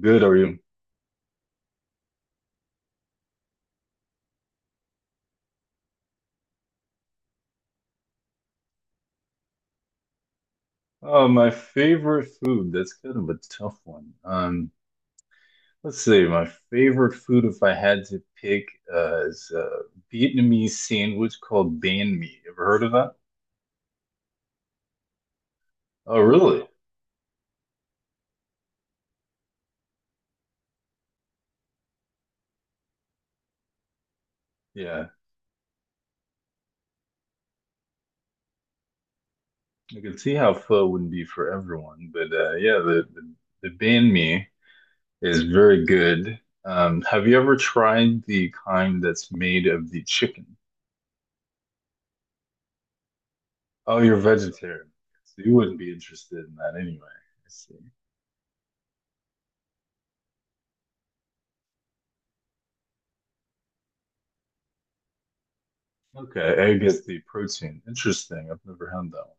Good, are you? Oh, my favorite food. That's kind of a tough one. Let's see. My favorite food, if I had to pick, is a Vietnamese sandwich called banh mi. Ever heard of that? Oh, really? Yeah. I can see how pho wouldn't be for everyone, but yeah, the banh mi is very good. Have you ever tried the kind that's made of the chicken? Oh, you're vegetarian, so you wouldn't be interested in that anyway. I see. Okay, egg is the protein. Interesting. I've never had that one.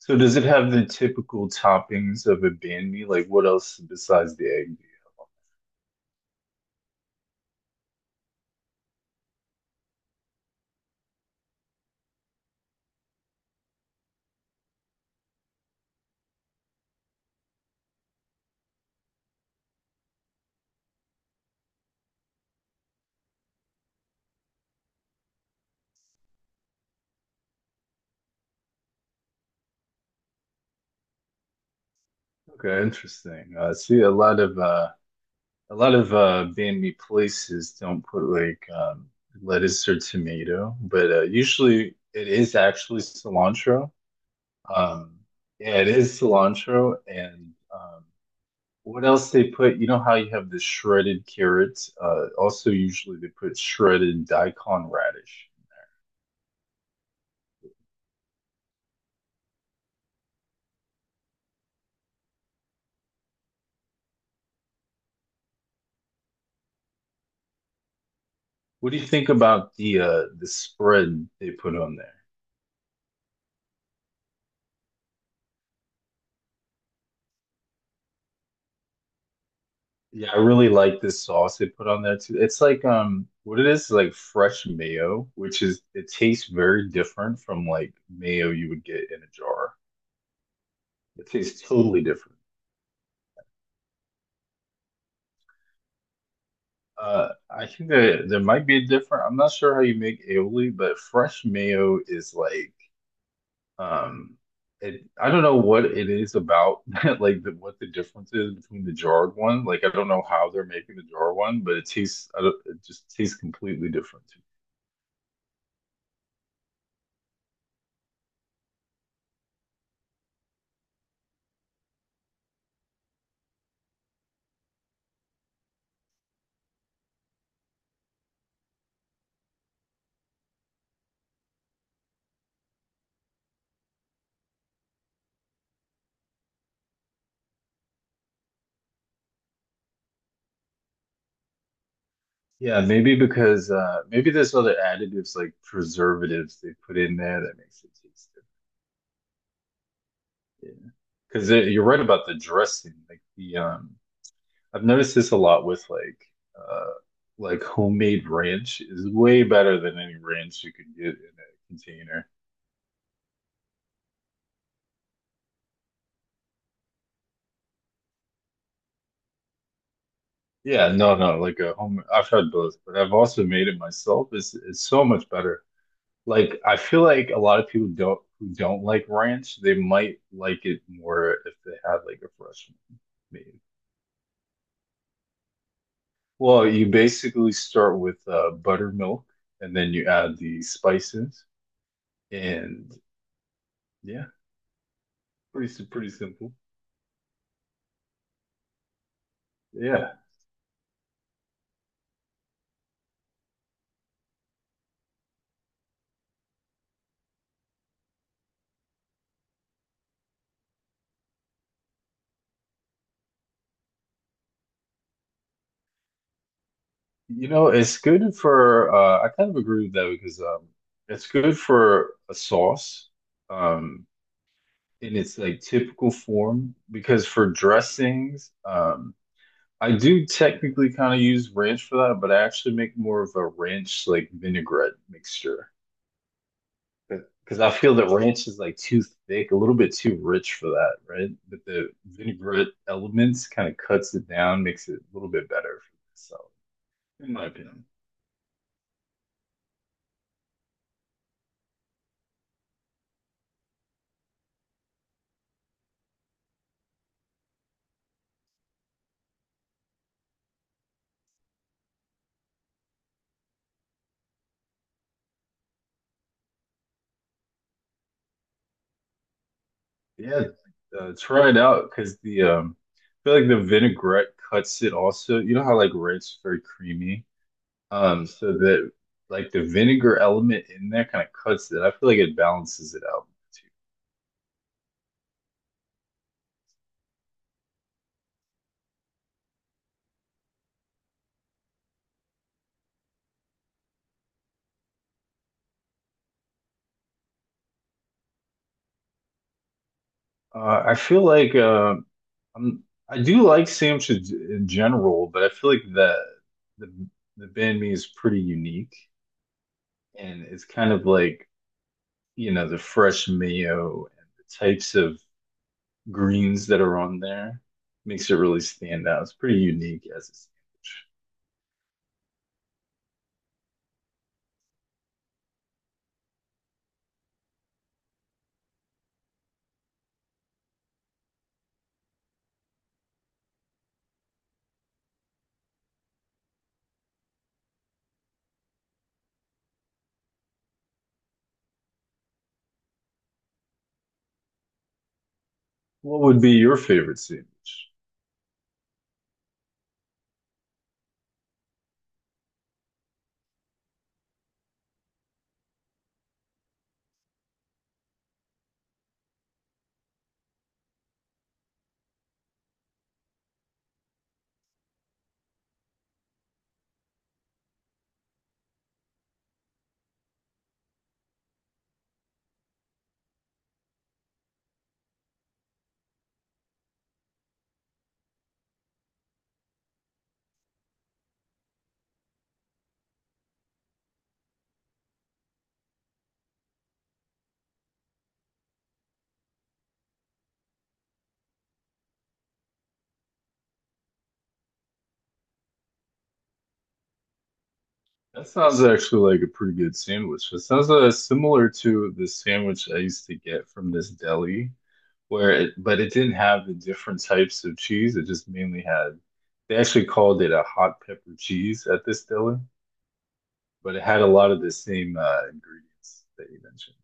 So does it have the typical toppings of a banh mi? Like what else besides the egg? Okay, interesting. I see a lot of banh mi places don't put like lettuce or tomato, but uh, usually it is actually cilantro. Um yeah, it is cilantro and um. What else they put? You know how you have the shredded carrots? Also, usually they put shredded daikon radish. What do you think about the spread they put on there? Yeah, I really like this sauce they put on there too. It's like what it is like fresh mayo, which is it tastes very different from like mayo you would get in a jar. It tastes totally different. I think that there might be a different. I'm not sure how you make aioli, but fresh mayo is like, um, it, I don't know what it is about that, like the, what the difference is between the jarred one. Like I don't know how they're making the jarred one, but it tastes, I don't, it just tastes completely different to me. Yeah, maybe because maybe there's other additives like preservatives they put in there that makes it taste different. Yeah, because you're right about the dressing, like the. I've noticed this a lot with uh like homemade ranch is way better than any ranch you can get in a container. Yeah, no, no, like a home I've tried both, but I've also made it myself. It's so much better. Like I feel like a lot of people don't who don't like ranch, they might like it more if they had like a fresh one made. Well, you basically start with uh, buttermilk and then you add the spices and yeah, pretty simple. Yeah. You know, it's good for uh, I kind of agree with that because um, it's good for a sauce um in its like typical form because for dressings um, I do technically kind of use ranch for that, but I actually make more of a ranch like vinaigrette mixture because I feel that ranch is like too thick, a little bit too rich for that, right? But the vinaigrette elements kind of cuts it down, makes it a little bit better for myself, in my opinion. Yeah, try it out because the I feel like the vinaigrette cuts it also. You know how like red's very creamy, so that like the vinegar element in there kind of cuts it. I feel like it balances it out. I feel like I'm I do like sandwiches in general, but I feel like the the banh mi is pretty unique, and it's kind of like you know the fresh mayo and the types of greens that are on there makes it really stand out. It's pretty unique as a sandwich. What would be your favorite sandwich? That sounds actually like a pretty good sandwich. It sounds similar to the sandwich I used to get from this deli, where it, but it didn't have the different types of cheese. It just mainly had, they actually called it a hot pepper cheese at this deli, but it had a lot of the same ingredients that you mentioned.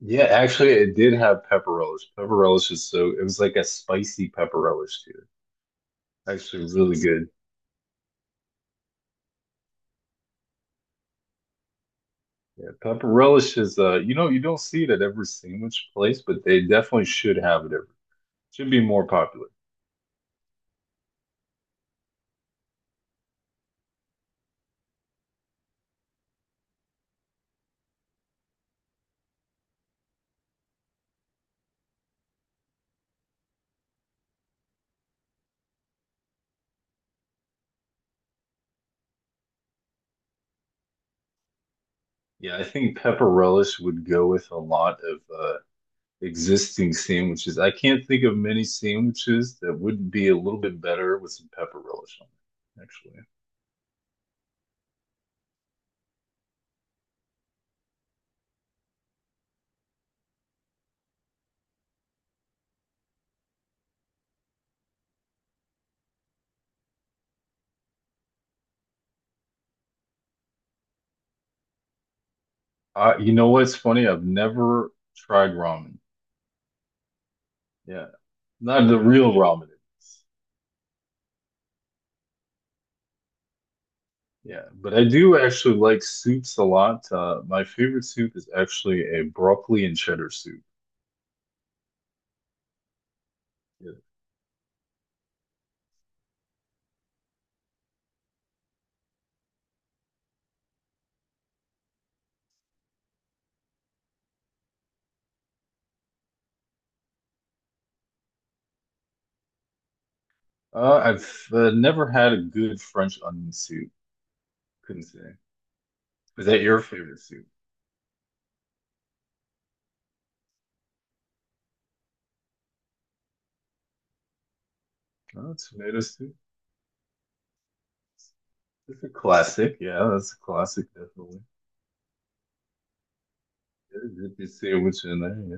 Yeah, actually, it did have pepperellis. Pepperellis is so it was like a spicy pepperellis too. Actually, really good. Yeah, pepperellis is you know, you don't see it at every sandwich place, but they definitely should have it every. Should be more popular. Yeah, I think pepperellis would go with a lot of existing sandwiches. I can't think of many sandwiches that would be a little bit better with some pepperellis on it, actually. You know what's funny? I've never tried ramen. Yeah, not the real ramen. Yeah, but I do actually like soups a lot. My favorite soup is actually a broccoli and cheddar soup. Yeah. I've never had a good French onion soup. Couldn't say. Is that your favorite soup? Oh, tomato soup. It's a classic. Yeah, that's a classic, definitely. Yeah, dip your sandwich in there. Yeah.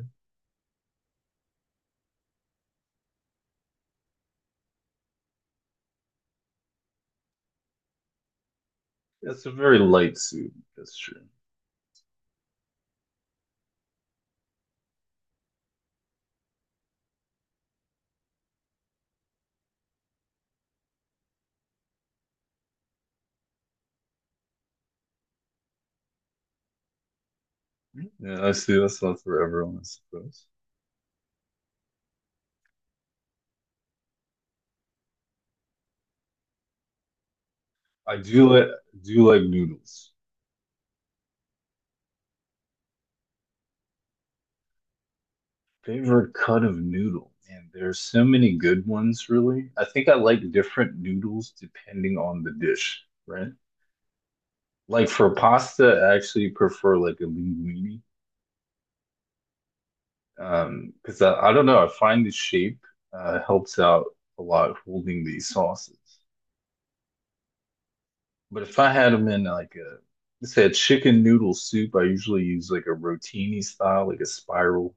Yeah, it's a very light soup. That's true. Yeah, I see. That's not for everyone, I suppose. I do like noodles. Favorite cut of noodle. Man, there's so many good ones, really. I think I like different noodles depending on the dish, right? Like for pasta, I actually prefer like a linguine. Because I don't know, I find the shape helps out a lot holding these sauces. But if I had them in like a let's say a chicken noodle soup, I usually use like a rotini style, like a spiral.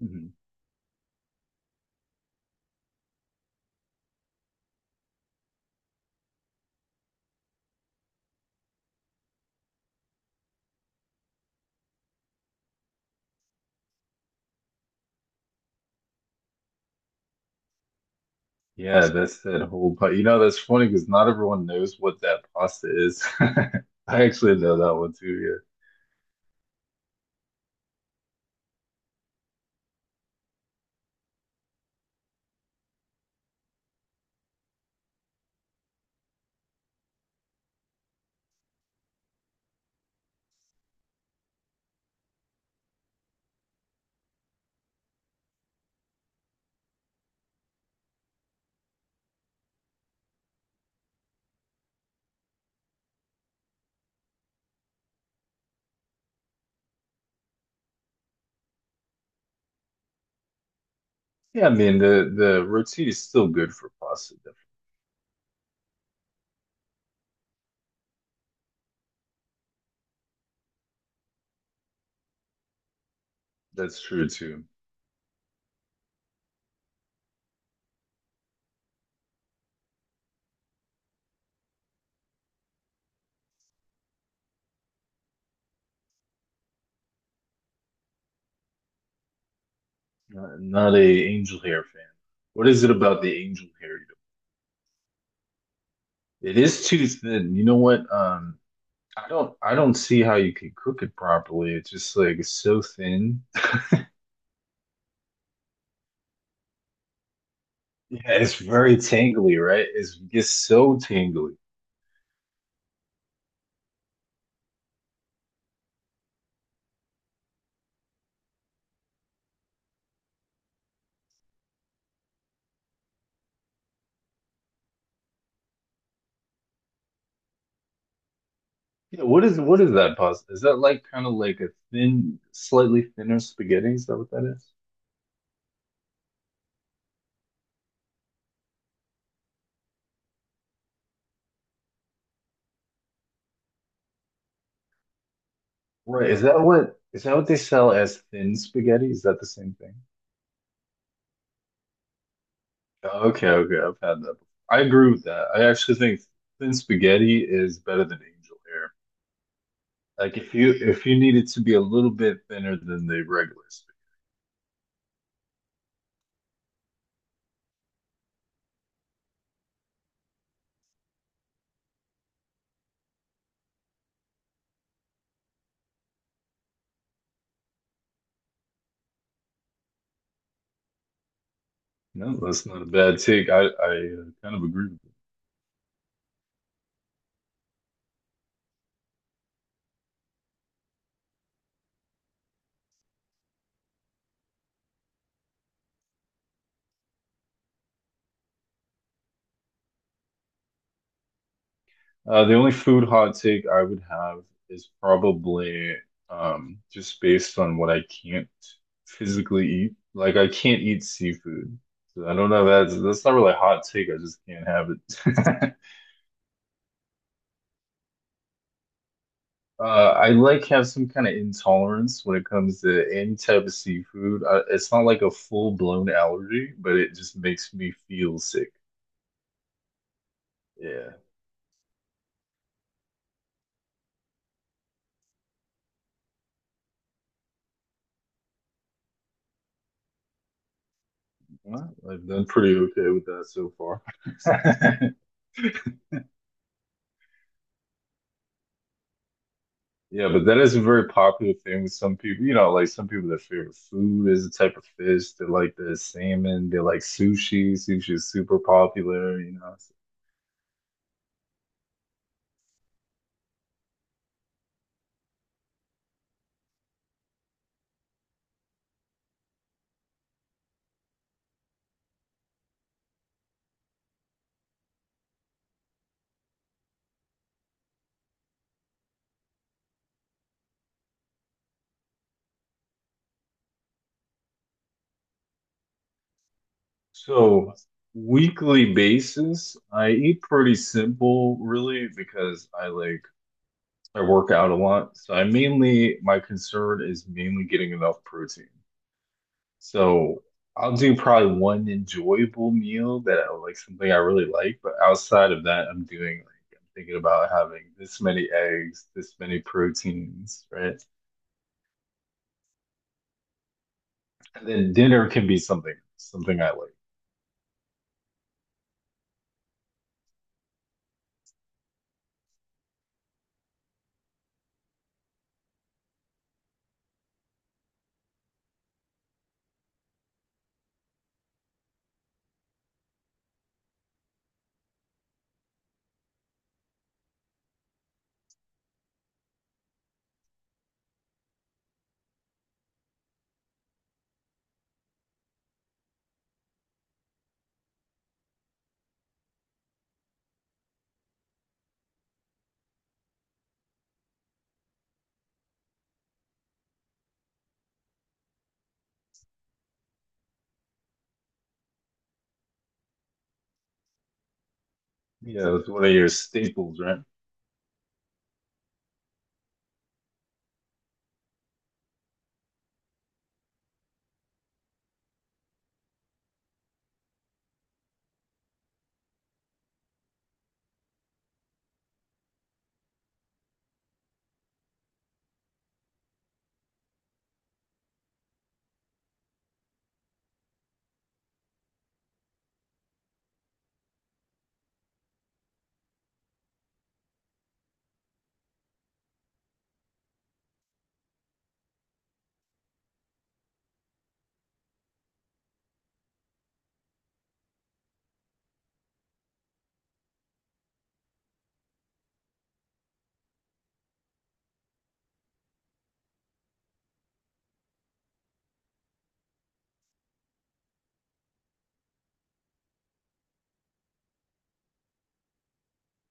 Mhm. Yeah, that's that whole part. You know, that's funny because not everyone knows what that pasta is. I actually know that one too. Yeah, yeah. I mean, the roti is still good for pasta. That's true too. Not, not a angel hair fan. What is it about the angel hair? You know? It is too thin. You know what? I don't see how you can cook it properly. It's just like it's so thin. Yeah, it's very tangly, right? It's, it gets so tangly. Yeah, what is that pasta? Is that like kind of like a thin, slightly thinner spaghetti? Is that what that is? Right. Is yeah, that what is that what they sell as thin spaghetti? Is that the same thing? Oh, okay, okay, I've had that before. I agree with that. I actually think thin spaghetti is better than angel hair. Like if you need it to be a little bit thinner than the regular spaghetti. No, that's not a bad take. I kind of agree with. The only food hot take I would have is probably just based on what I can't physically eat. Like I can't eat seafood. So I don't know. That's not really a hot take. I just can't have it. I like have some kind of intolerance when it comes to any type of seafood. It's not like a full-blown allergy, but it just makes me feel sick. Yeah. Well, I've done pretty okay with that so far. Yeah, but that is a very popular thing with some people. You know, like some people, their favorite food is a type of fish. They like the salmon. They like sushi. Sushi is super popular, you know. So, weekly basis, I eat pretty simple, really, because I like I work out a lot. So I mainly my concern is mainly getting enough protein. So I'll do probably one enjoyable meal that I like something I really like, but outside of that, I'm doing like I'm thinking about having this many eggs, this many proteins, right? And then dinner can be something, something I like. You know, it's one of your staples, right?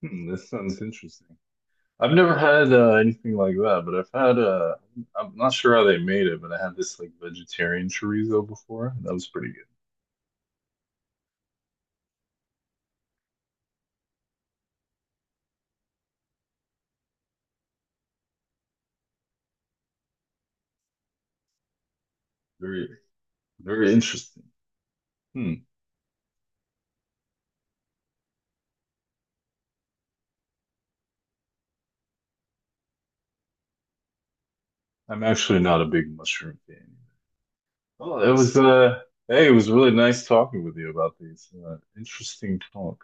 Hmm, this sounds interesting. I've never had anything like that, but I've had I'm not sure how they made it, but I had this like vegetarian chorizo before, and that was pretty good. Very, very interesting. Hmm. I'm actually not a big mushroom fan. Well, it was hey, it was really nice talking with you about these interesting talk.